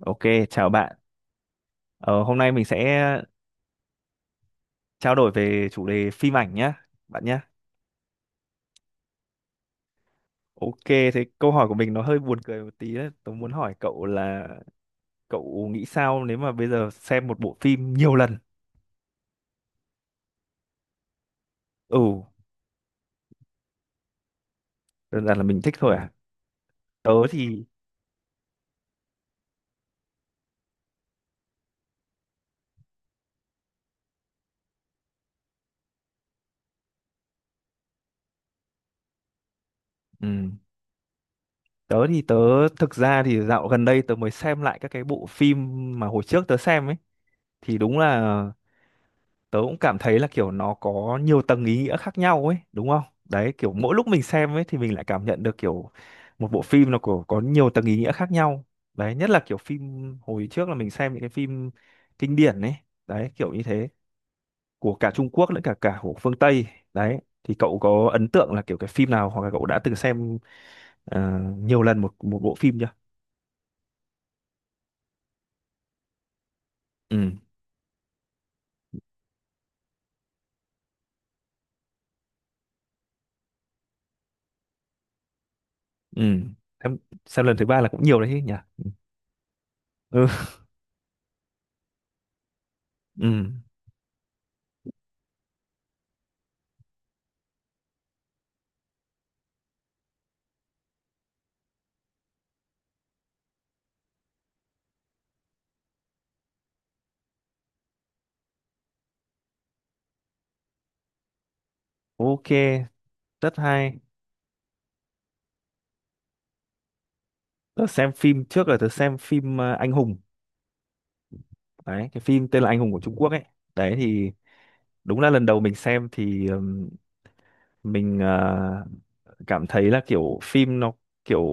Ok, chào bạn. Ờ, Hôm nay mình sẽ trao đổi về chủ đề phim ảnh nhé, bạn nhé. Ok, thế câu hỏi của mình nó hơi buồn cười một tí đấy. Tôi muốn hỏi cậu là cậu nghĩ sao nếu mà bây giờ xem một bộ phim nhiều lần? Ừ, đơn giản là mình thích thôi à. Tớ thì ừ, tớ thì tớ thực ra thì dạo gần đây tớ mới xem lại các cái bộ phim mà hồi trước tớ xem ấy, thì đúng là tớ cũng cảm thấy là kiểu nó có nhiều tầng ý nghĩa khác nhau ấy, đúng không? Đấy, kiểu mỗi lúc mình xem ấy thì mình lại cảm nhận được kiểu một bộ phim nó có nhiều tầng ý nghĩa khác nhau đấy, nhất là kiểu phim hồi trước là mình xem những cái phim kinh điển ấy, đấy kiểu như thế, của cả Trung Quốc lẫn cả cả của phương Tây đấy. Thì cậu có ấn tượng là kiểu cái phim nào, hoặc là cậu đã từng xem nhiều lần một một bộ phim chưa? Ừ ừ. Xem, xem lần thứ ba là cũng nhiều đấy chứ nhỉ. Ừ ừ, ok, rất hay. Tớ xem phim trước là tớ xem phim, Anh Hùng. Đấy, cái phim tên là Anh Hùng của Trung Quốc ấy, đấy thì đúng là lần đầu mình xem thì mình cảm thấy là kiểu phim nó kiểu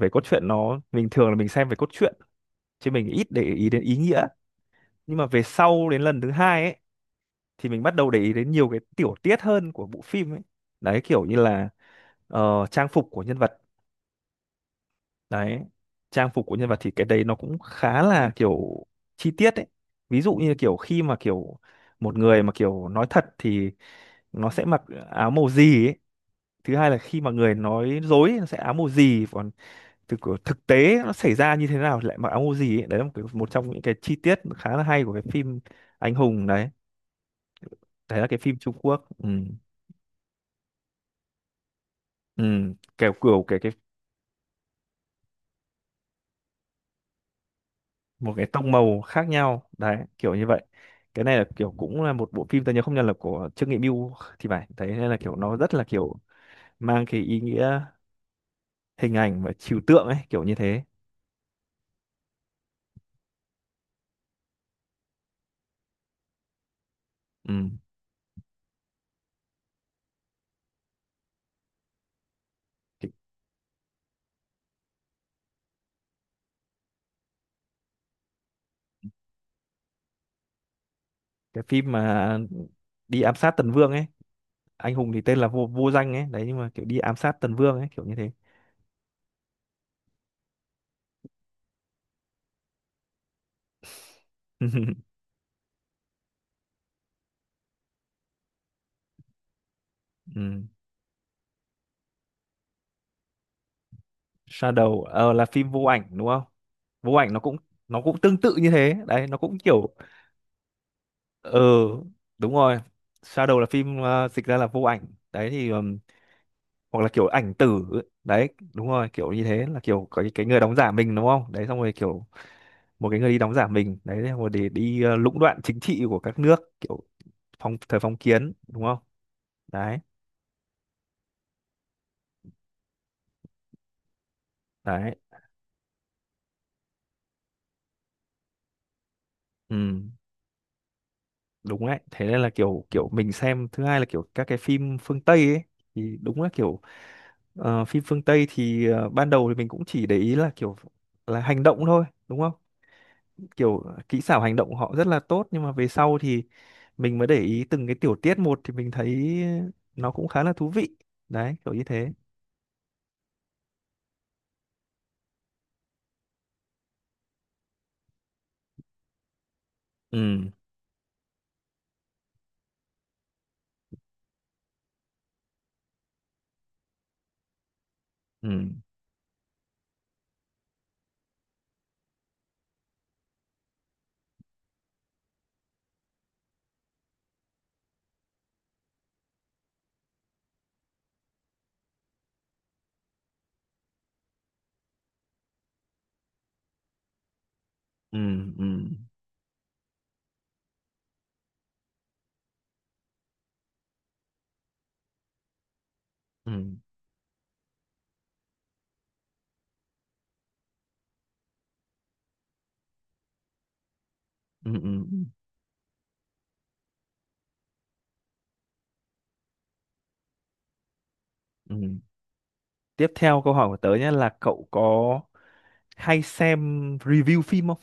về cốt truyện. Nó bình thường là mình xem về cốt truyện chứ mình ít để ý đến ý nghĩa, nhưng mà về sau đến lần thứ hai ấy thì mình bắt đầu để ý đến nhiều cái tiểu tiết hơn của bộ phim ấy. Đấy kiểu như là trang phục của nhân vật, đấy, trang phục của nhân vật thì cái đấy nó cũng khá là kiểu chi tiết ấy. Ví dụ như kiểu khi mà kiểu một người mà kiểu nói thật thì nó sẽ mặc áo màu gì ấy, thứ hai là khi mà người nói dối nó sẽ áo màu gì, còn thực thực tế nó xảy ra như thế nào thì lại mặc áo màu gì ấy. Đấy là một trong những cái chi tiết khá là hay của cái phim Anh Hùng đấy, đấy là cái phim Trung Quốc. Ừ. Ừ. kiểu kiểu cái một cái tông màu khác nhau đấy, kiểu như vậy. Cái này là kiểu cũng là một bộ phim, tôi nhớ không nhầm là của Trương Nghị Mưu thì phải, thấy nên là kiểu nó rất là kiểu mang cái ý nghĩa hình ảnh và trừu tượng ấy, kiểu như thế. Ừ. cái, cái phim mà đi ám sát Tần Vương ấy, Anh Hùng thì tên là vô vô danh ấy đấy, nhưng mà kiểu đi ám sát Tần Vương ấy, kiểu như thế. Ừ. Shadow là phim Vô Ảnh đúng không. Vô Ảnh nó cũng tương tự như thế đấy, nó cũng kiểu. Ừ, đúng rồi, Shadow là phim, dịch ra là Vô Ảnh đấy. Thì hoặc là kiểu Ảnh Tử ấy. Đấy, đúng rồi, kiểu như thế là kiểu có cái người đóng giả mình đúng không, đấy xong rồi kiểu một cái người đi đóng giả mình đấy, xong rồi để đi lũng đoạn chính trị của các nước kiểu thời phong kiến đúng không. Đấy đấy. Ừ, đúng đấy, thế nên là kiểu kiểu mình xem thứ hai là kiểu các cái phim phương Tây ấy, thì đúng là kiểu, phim phương Tây thì ban đầu thì mình cũng chỉ để ý là kiểu là hành động thôi đúng không, kiểu kỹ xảo hành động của họ rất là tốt, nhưng mà về sau thì mình mới để ý từng cái tiểu tiết một thì mình thấy nó cũng khá là thú vị đấy, kiểu như thế. Ừ ừ ừ ừ ừ ừ ừ ừ ừ. Tiếp theo câu hỏi của tớ nhé, là cậu có hay xem review phim không?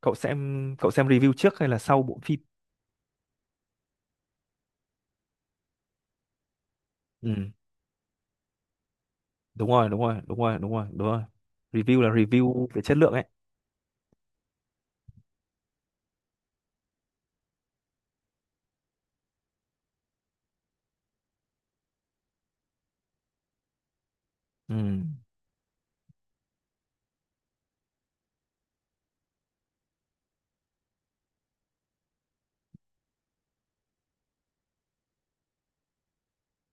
Cậu xem, cậu xem review trước hay là sau bộ phim? Ừ. Đúng rồi, đúng rồi, đúng rồi, đúng rồi, đúng rồi, review là review về chất lượng ấy. Ừ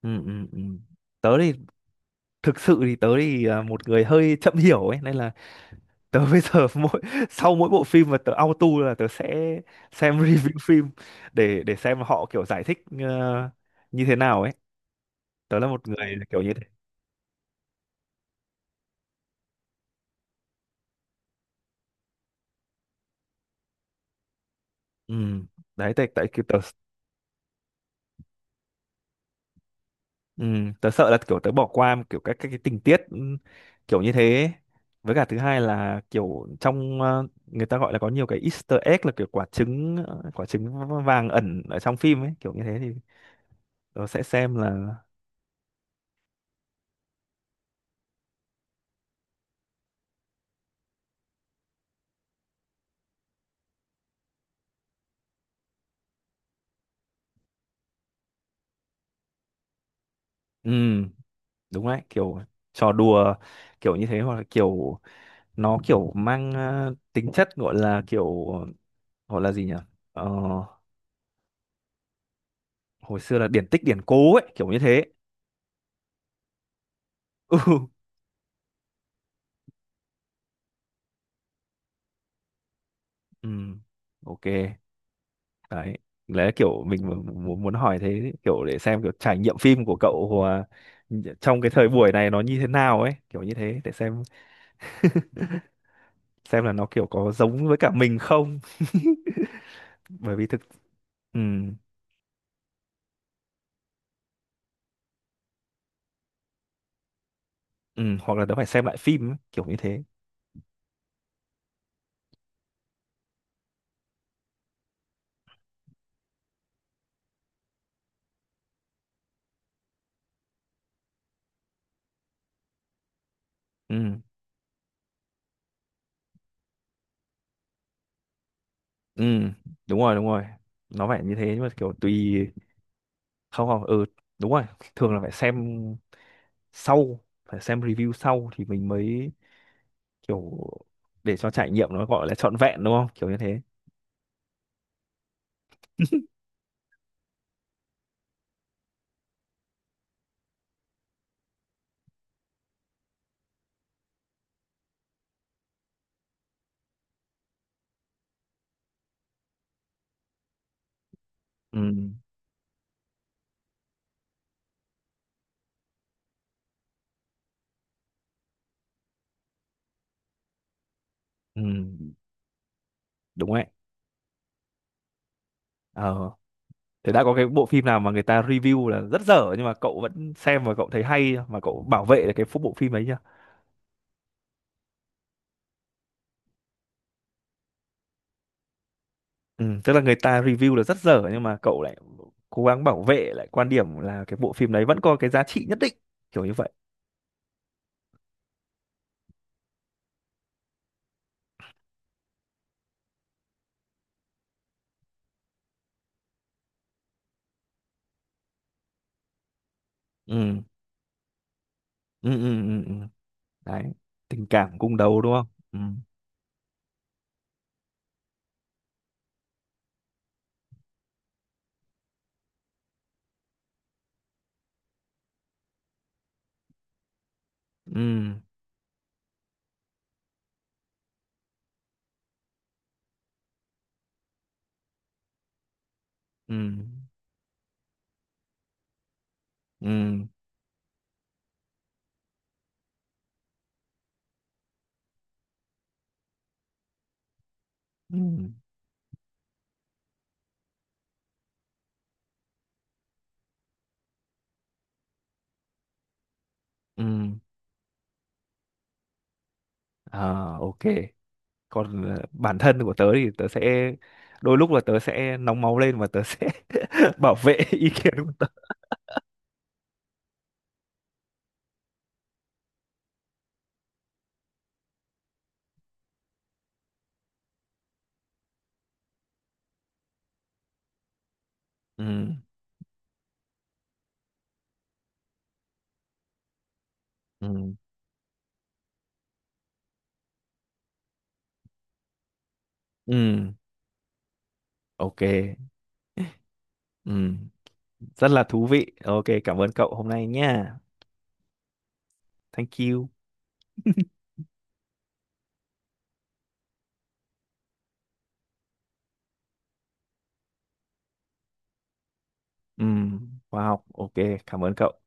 ừ ừ ừ. tớ thì Thực sự thì tớ thì một người hơi chậm hiểu ấy, nên là tớ bây giờ sau mỗi bộ phim mà tớ auto là tớ sẽ xem review phim để xem họ kiểu giải thích như thế nào ấy. Tớ là một người kiểu như thế. Ừ. Đấy, tại tại kiểu tớ. Ừ. Tớ sợ là kiểu tớ bỏ qua kiểu các cái tình tiết kiểu như thế ấy. Với cả thứ hai là kiểu trong, người ta gọi là có nhiều cái Easter egg, là kiểu quả trứng, quả trứng vàng ẩn ở trong phim ấy, kiểu như thế thì tớ sẽ xem. Là ừ, đúng đấy, kiểu trò đùa kiểu như thế, hoặc là kiểu nó kiểu mang tính chất gọi là kiểu, gọi là gì nhỉ? Ờ, Hồi xưa là điển tích điển cố ấy, kiểu như thế. Ừ ừ, ok. Đấy, lẽ kiểu mình muốn muốn hỏi thế, kiểu để xem kiểu trải nghiệm phim của cậu trong cái thời buổi này nó như thế nào ấy, kiểu như thế, để xem là nó kiểu có giống với cả mình không. Bởi vì thực, ừ ừ, hoặc là nó phải xem lại phim ấy, kiểu như thế. Ừ. Ừ, đúng rồi, đúng rồi. Nó phải như thế, nhưng mà kiểu tùy. Không, không. Ừ, đúng rồi, thường là phải xem sau, phải xem review sau thì mình mới kiểu, để cho trải nghiệm nó gọi là trọn vẹn đúng không? Kiểu như thế. Ừ, ừ, đúng đấy. Ờ, Thế đã có cái bộ phim nào mà người ta review là rất dở nhưng mà cậu vẫn xem và cậu thấy hay chưa? Mà cậu bảo vệ được cái bộ phim ấy chưa? Ừ, tức là người ta review là rất dở nhưng mà cậu lại cố gắng bảo vệ lại quan điểm là cái bộ phim đấy vẫn có cái giá trị nhất định, kiểu như vậy. Ừ ừ ừ ừ ừ. Đấy, tình cảm cung đấu đúng không. Ừ ừ ừ ừ ừ ừ. à, ok. Còn bản thân của tớ thì tớ sẽ, đôi lúc là tớ sẽ nóng máu lên và tớ sẽ bảo vệ ý kiến của- Ừ ừ ừ, ok. Ừ, rất là thú vị, ok, cảm ơn cậu hôm nay nha. Thank you. Ừ, khoa học, ok, cảm ơn cậu.